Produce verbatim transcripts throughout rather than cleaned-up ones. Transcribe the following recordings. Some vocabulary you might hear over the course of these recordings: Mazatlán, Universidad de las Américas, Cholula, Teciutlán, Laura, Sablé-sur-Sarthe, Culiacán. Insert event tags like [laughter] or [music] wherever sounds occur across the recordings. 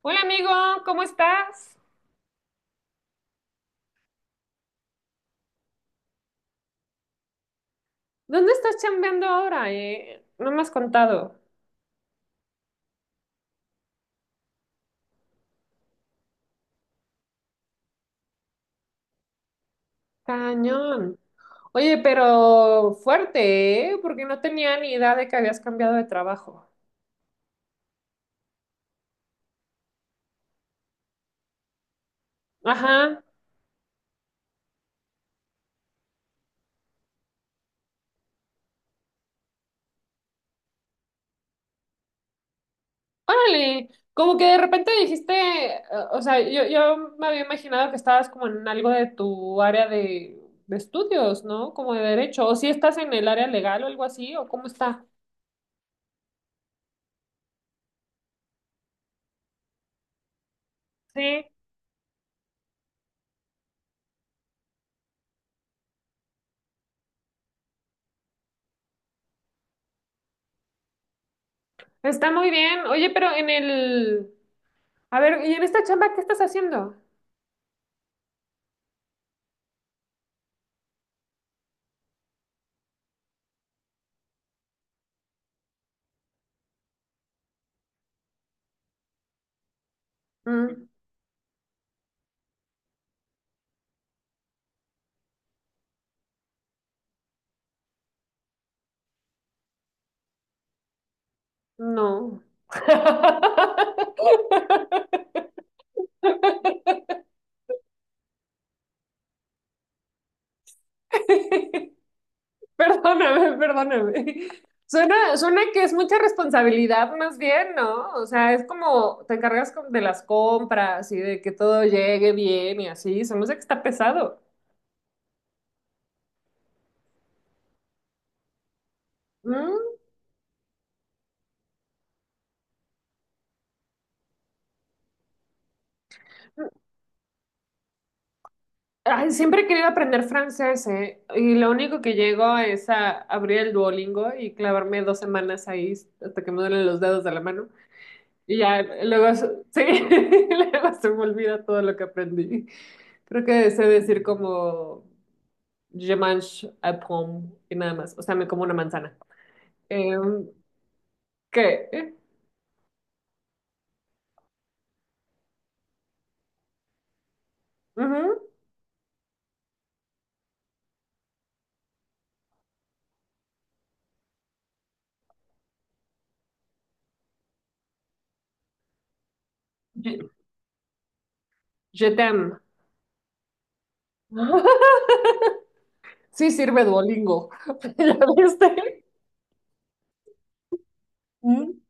Hola amigo, ¿cómo estás? ¿Dónde estás chambeando ahora? ¿Eh? No me has contado. Cañón. Oye, pero fuerte, ¿eh? Porque no tenía ni idea de que habías cambiado de trabajo. Ajá. Órale. Como que de repente dijiste, eh, o sea, yo, yo me había imaginado que estabas como en algo de tu área de, de estudios, ¿no? Como de derecho. O si estás en el área legal o algo así, o cómo está. Sí, está muy bien. Oye, pero en el... A ver, ¿y en esta chamba qué estás haciendo? Mm, no. [laughs] Perdóname, perdóname. Suena, suena que es mucha responsabilidad más bien, ¿no? O sea, es como te encargas con- de las compras y de que todo llegue bien y así. Se me hace que está pesado. Mm. Ay, siempre he querido aprender francés, ¿eh? Y lo único que llego es a abrir el Duolingo y clavarme dos semanas ahí hasta que me duelen los dedos de la mano. Y ya, luego, se- sí, [laughs] luego se me olvida todo lo que aprendí. Creo que sé decir como je mange un pomme y nada más. O sea, me como una manzana. ¿Eh, qué? Eh, ujú. Je, je t'aime. [laughs] Sí, sirve Duolingo. [laughs] ¿Ya viste? Mm.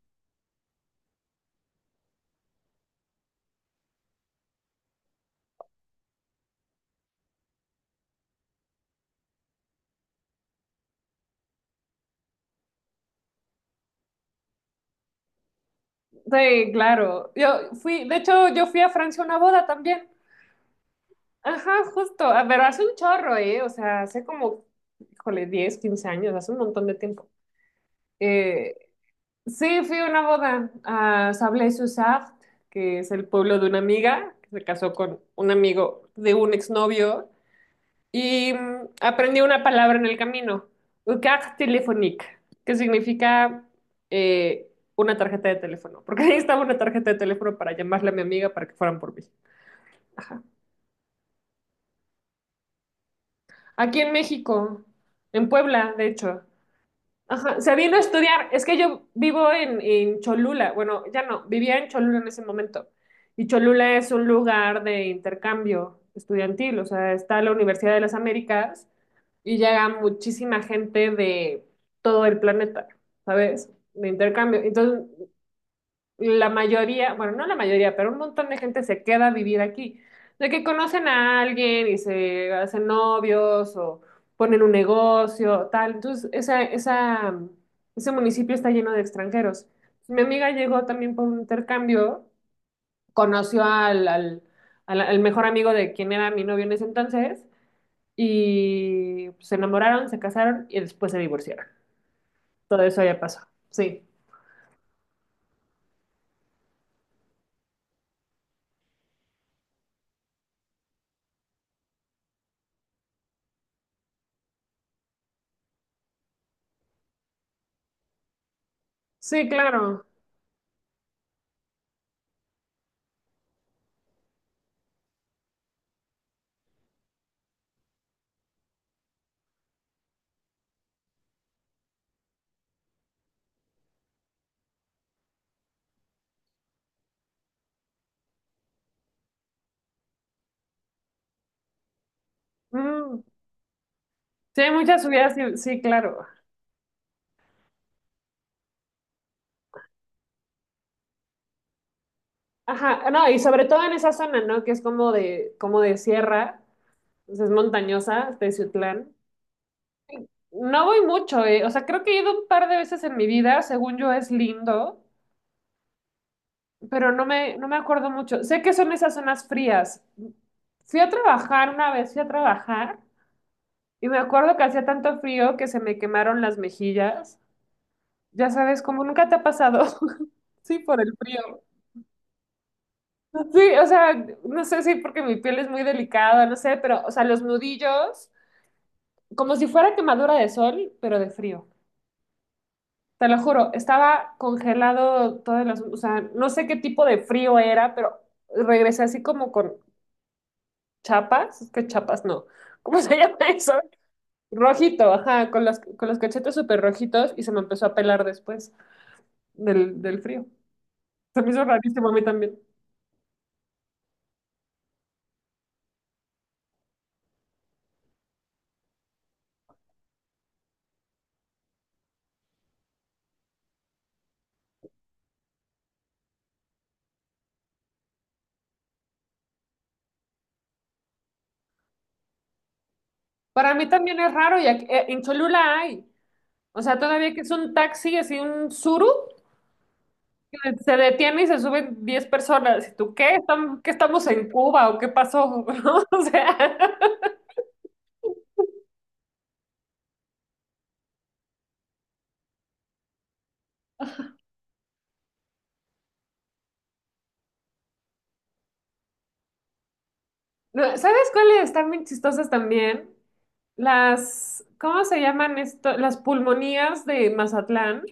Sí, claro. Yo fui, de hecho, yo fui a Francia a una boda también. Ajá, justo. A ver, hace un chorro, ¿eh? O sea, hace como, híjole, diez quince años, hace un montón de tiempo. Eh, Sí, fui a una boda a Sablé-sur-Sarthe, que es el pueblo de una amiga, que se casó con un amigo de un exnovio, y mm, aprendí una palabra en el camino, carte téléphonique, que significa eh, una tarjeta de teléfono, porque ahí estaba una tarjeta de teléfono para llamarle a mi amiga para que fueran por mí. Ajá. Aquí en México, en Puebla, de hecho. Ajá, se vino a estudiar. Es que yo vivo en, en Cholula. Bueno, ya no, vivía en Cholula en ese momento. Y Cholula es un lugar de intercambio estudiantil. O sea, está la Universidad de las Américas y llega muchísima gente de todo el planeta, ¿sabes? De intercambio. Entonces, la mayoría, bueno, no la mayoría, pero un montón de gente se queda a vivir aquí. De que conocen a alguien y se hacen novios o ponen un negocio, tal. Entonces, esa, esa, ese municipio está lleno de extranjeros. Mi amiga llegó también por un intercambio, conoció al, al, al- al mejor amigo de quien era mi novio en ese entonces y se enamoraron, se casaron y después se divorciaron. Todo eso ya pasó. Sí. Sí, claro. Mm. Sí, hay muchas subidas, sí, sí, claro. Ajá, no, y sobre todo en esa zona, ¿no? Que es como de, como de sierra, pues es montañosa, Teciutlán. No voy mucho, eh. O sea, creo que he ido un par de veces en mi vida, según yo es lindo, pero no me, no me acuerdo mucho. Sé que son esas zonas frías. Fui a trabajar una vez, fui a trabajar, y me acuerdo que hacía tanto frío que se me quemaron las mejillas. Ya sabes, como nunca te ha pasado. [laughs] Sí, por el frío. Sí, o sea, no sé si porque mi piel es muy delicada, no sé, pero, o sea, los nudillos, como si fuera quemadura de sol, pero de frío. Te lo juro, estaba congelado todas las, o sea, no sé qué tipo de frío era, pero regresé así como con chapas, es que chapas no, [laughs] ¿cómo se llama eso? Rojito, ajá, con los, con los cachetes súper rojitos y se me empezó a pelar después del, del frío. Se me hizo rarísimo a mí también. Para mí también es raro y aquí- eh, en Cholula hay. O sea, todavía que es un taxi, así un suru, que se detiene y se suben diez personas. ¿Y tú qué? ¿Estamos, qué estamos en Cuba o qué pasó? [laughs] ¿No? O sea, no, ¿sabes cuáles están bien chistosas también? Las, ¿cómo se llaman esto? Las pulmonías de Mazatlán.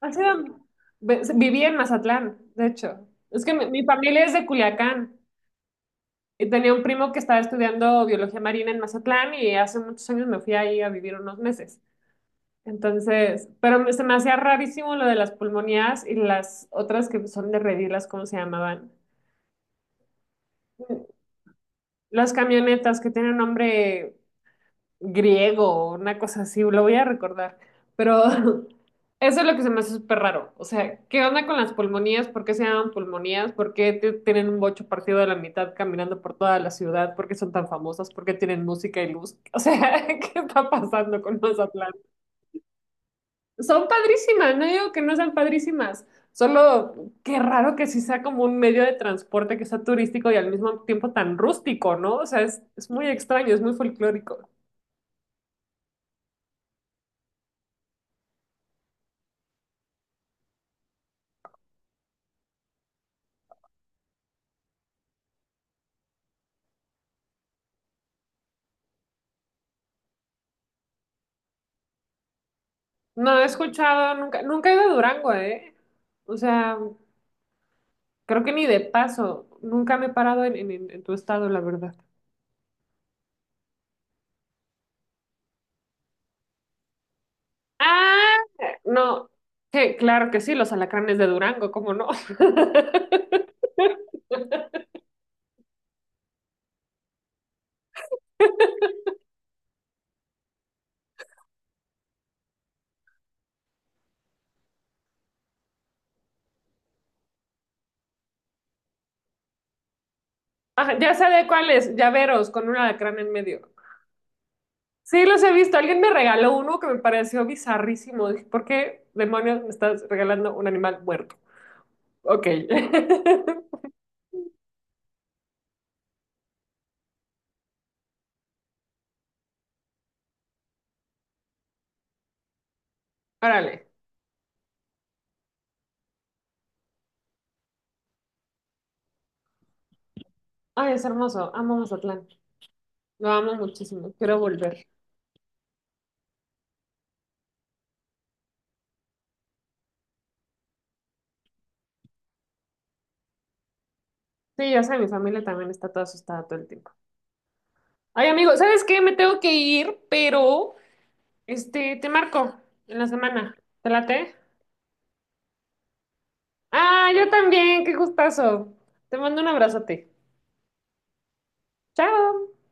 Han sido- ve- viví en Mazatlán, de hecho. Es que mi, mi familia es de Culiacán y tenía un primo que estaba estudiando biología marina en Mazatlán y hace muchos años me fui ahí a vivir unos meses. Entonces, pero se me hacía rarísimo lo de las pulmonías y las otras que son de redilas, ¿cómo se llamaban? Las camionetas que tienen nombre griego, una cosa así, lo voy a recordar. Pero [laughs] eso es lo que se me hace súper raro. O sea, ¿qué onda con las pulmonías? ¿Por qué se llaman pulmonías? ¿Por qué te- tienen un bocho partido de la mitad caminando por toda la ciudad? ¿Por qué son tan famosas? ¿Por qué tienen música y luz? O sea, [laughs] ¿qué está pasando con los... Son padrísimas, no digo que no sean padrísimas, solo qué raro que sí sea como un medio de transporte que sea turístico y al mismo tiempo tan rústico, ¿no? O sea, es, es muy extraño, es muy folclórico. No he escuchado, nunca, nunca he ido a Durango, ¿eh? O sea, creo que ni de paso, nunca me he parado en, en, en- en tu estado, la verdad. Ah, no, que claro que sí, los alacranes de Durango, ¿cómo no? [laughs] Ah, ya sé de cuáles, llaveros con un alacrán en medio. Sí, los he visto. Alguien me regaló uno que me pareció bizarrísimo. Dije, ¿por qué demonios me estás regalando un animal muerto? Ok. [laughs] Órale. Ay, es hermoso. Amo Mazatlán. Lo amo muchísimo. Quiero volver. Sí, ya sé, mi familia también está toda asustada todo el tiempo. Ay, amigo, ¿sabes qué? Me tengo que ir, pero este, te marco en la semana. ¿Te late? Ah, yo también. Qué gustazo. Te mando un abrazote. Chao.